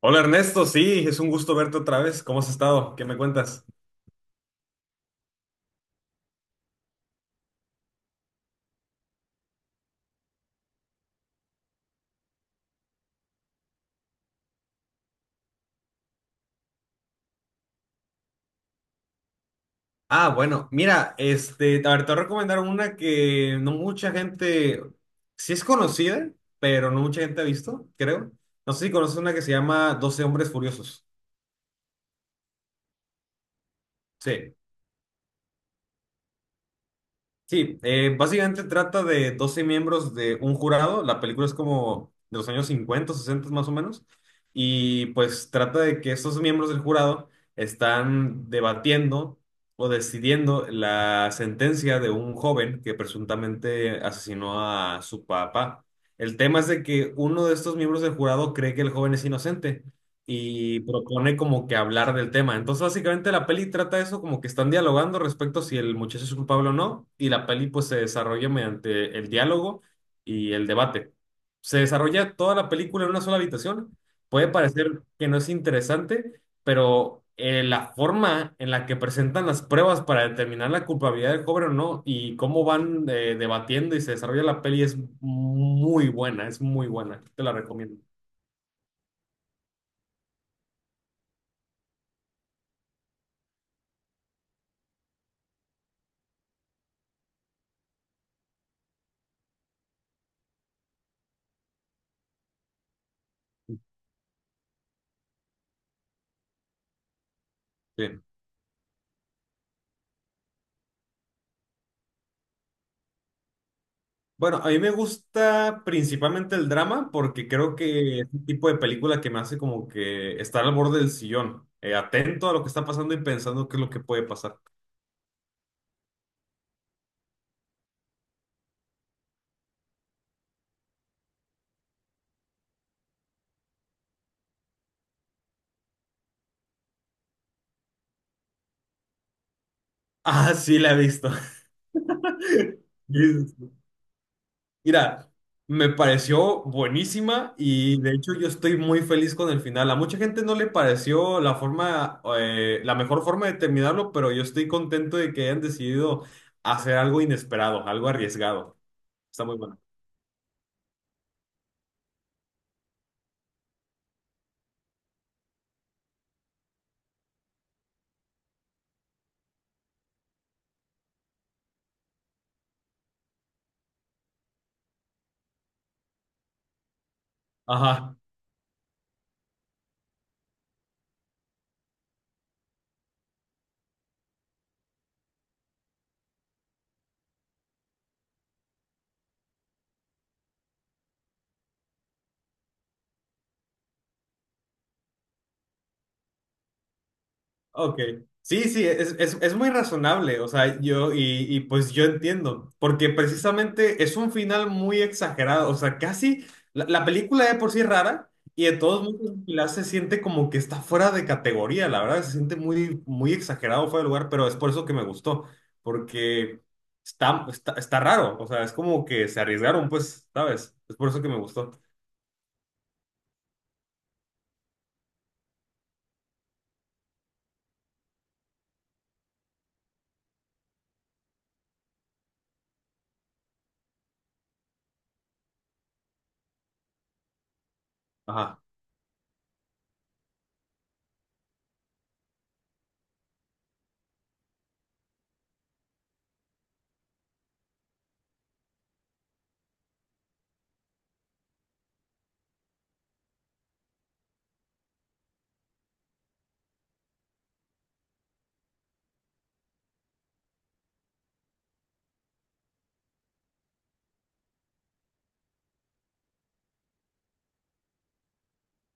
Hola Ernesto, sí, es un gusto verte otra vez. ¿Cómo has estado? ¿Qué me cuentas? Ah, bueno, mira, este, a ver, te voy a recomendar una que no mucha gente, sí es conocida, pero no mucha gente ha visto, creo. No sé si conoces una que se llama Doce Hombres Furiosos. Sí. Sí, básicamente trata de 12 miembros de un jurado. La película es como de los años 50, 60 más o menos. Y pues trata de que estos miembros del jurado están debatiendo o decidiendo la sentencia de un joven que presuntamente asesinó a su papá. El tema es de que uno de estos miembros del jurado cree que el joven es inocente y propone como que hablar del tema. Entonces, básicamente la peli trata eso como que están dialogando respecto a si el muchacho es culpable o no, y la peli pues se desarrolla mediante el diálogo y el debate. Se desarrolla toda la película en una sola habitación. Puede parecer que no es interesante, pero la forma en la que presentan las pruebas para determinar la culpabilidad del joven o no y cómo van debatiendo y se desarrolla la peli es muy buena, es muy buena. Te la recomiendo. Sí. Bueno, a mí me gusta principalmente el drama porque creo que es un tipo de película que me hace como que estar al borde del sillón, atento a lo que está pasando y pensando qué es lo que puede pasar. Ah, sí, la he visto. Jesus. Mira, me pareció buenísima y de hecho yo estoy muy feliz con el final. A mucha gente no le pareció la forma, la mejor forma de terminarlo, pero yo estoy contento de que hayan decidido hacer algo inesperado, algo arriesgado. Está muy bueno. Ajá. Ok. Sí, sí, es muy razonable, o sea, yo, y pues yo entiendo, porque precisamente es un final muy exagerado, o sea, casi, la película de por sí es rara, y de todos modos Pilar se siente como que está fuera de categoría, la verdad, se siente muy, muy exagerado, fuera de lugar, pero es por eso que me gustó, porque está raro, o sea, es como que se arriesgaron, pues, ¿sabes? Es por eso que me gustó. Ajá.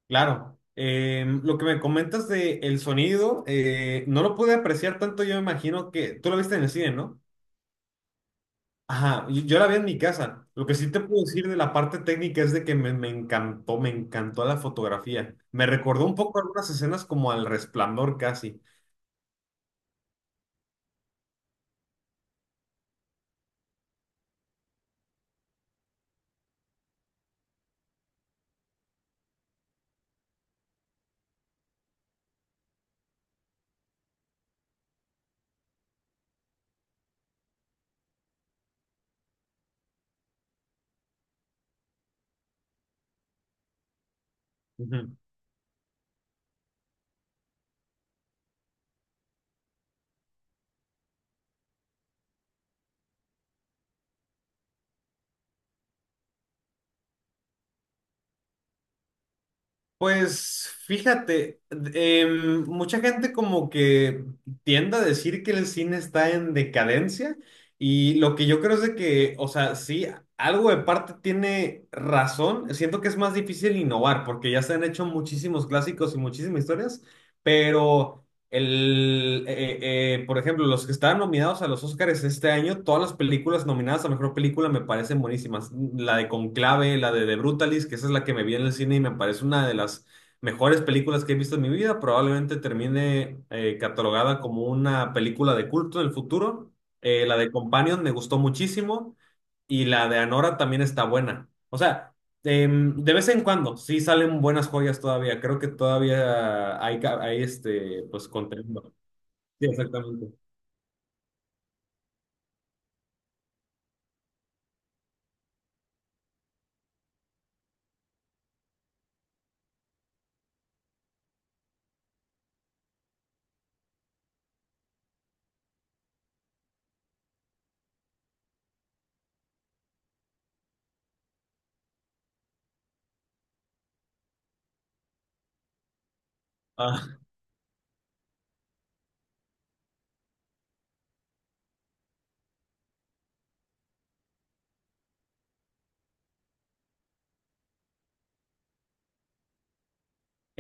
Claro, lo que me comentas de el sonido, no lo pude apreciar tanto, yo me imagino que tú lo viste en el cine, ¿no? Ajá, yo la vi en mi casa. Lo que sí te puedo decir de la parte técnica es de que me encantó, me encantó la fotografía. Me recordó un poco algunas escenas como al Resplandor casi. Pues fíjate, mucha gente como que tiende a decir que el cine está en decadencia y lo que yo creo es de que, o sea, sí, algo de parte tiene razón, siento que es más difícil innovar porque ya se han hecho muchísimos clásicos y muchísimas historias, pero... Por ejemplo, los que estaban nominados a los Oscars este año, todas las películas nominadas a mejor película me parecen buenísimas. La de Conclave, la de The Brutalist, que esa es la que me vi en el cine y me parece una de las mejores películas que he visto en mi vida. Probablemente termine catalogada como una película de culto en el futuro. La de Companion me gustó muchísimo y la de Anora también está buena. O sea, de vez en cuando, sí salen buenas joyas todavía. Creo que todavía hay este, pues contenido. Sí, exactamente. Ah.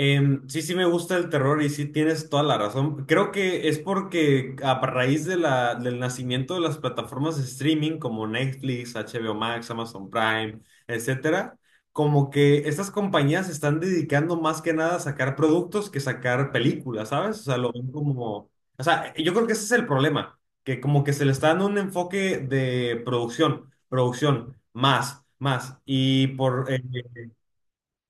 Sí, sí me gusta el terror y sí tienes toda la razón. Creo que es porque a raíz de del nacimiento de las plataformas de streaming como Netflix, HBO Max, Amazon Prime, etcétera, como que estas compañías se están dedicando más que nada a sacar productos que sacar películas, ¿sabes? O sea, lo ven como... O sea, yo creo que ese es el problema, que como que se le está dando un enfoque de producción, producción, más, más.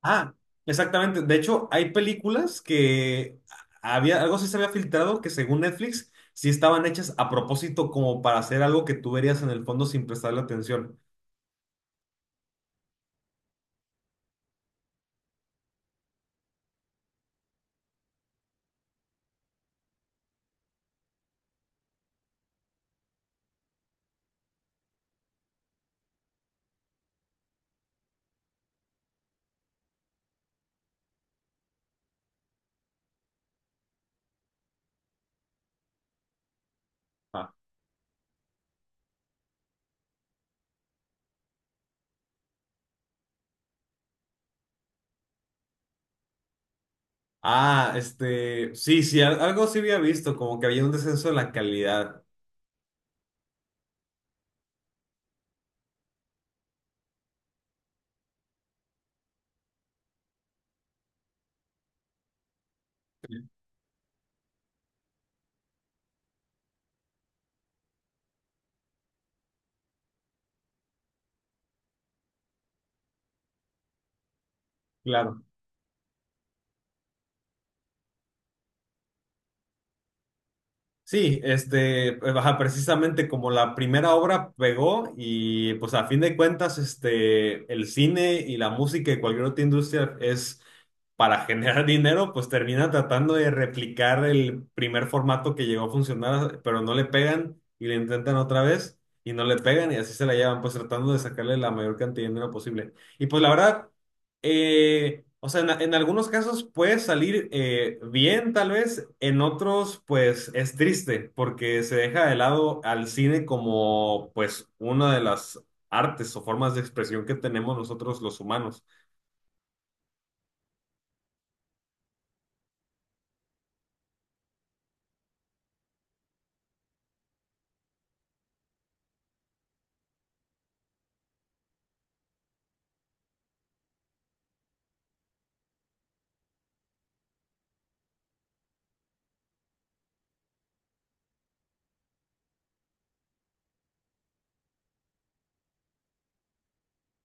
Ah, exactamente. De hecho, hay películas que había, algo sí se había filtrado que según Netflix sí estaban hechas a propósito como para hacer algo que tú verías en el fondo sin prestarle atención. Ah, este, sí, sí, algo sí había visto, como que había un descenso de la calidad. Claro. Sí, este, pues, ajá, precisamente como la primera obra pegó y pues a fin de cuentas, este, el cine y la música y cualquier otra industria es para generar dinero, pues termina tratando de replicar el primer formato que llegó a funcionar, pero no le pegan y le intentan otra vez y no le pegan y así se la llevan, pues tratando de sacarle la mayor cantidad de dinero posible. Y pues la verdad, o sea, en algunos casos puede salir bien, tal vez, en otros, pues es triste, porque se deja de lado al cine como, pues, una de las artes o formas de expresión que tenemos nosotros los humanos.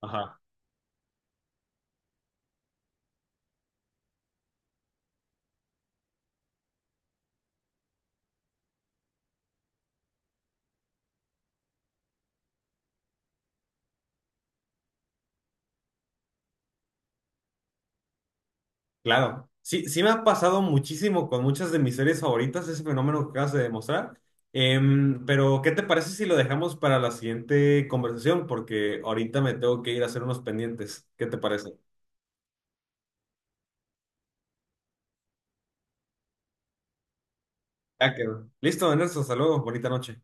Ajá. Claro. Sí, sí me ha pasado muchísimo con muchas de mis series favoritas ese fenómeno que acabas de demostrar. Pero, ¿qué te parece si lo dejamos para la siguiente conversación? Porque ahorita me tengo que ir a hacer unos pendientes. ¿Qué te parece? Ya quedó. Listo, Ernesto, saludos, bonita noche.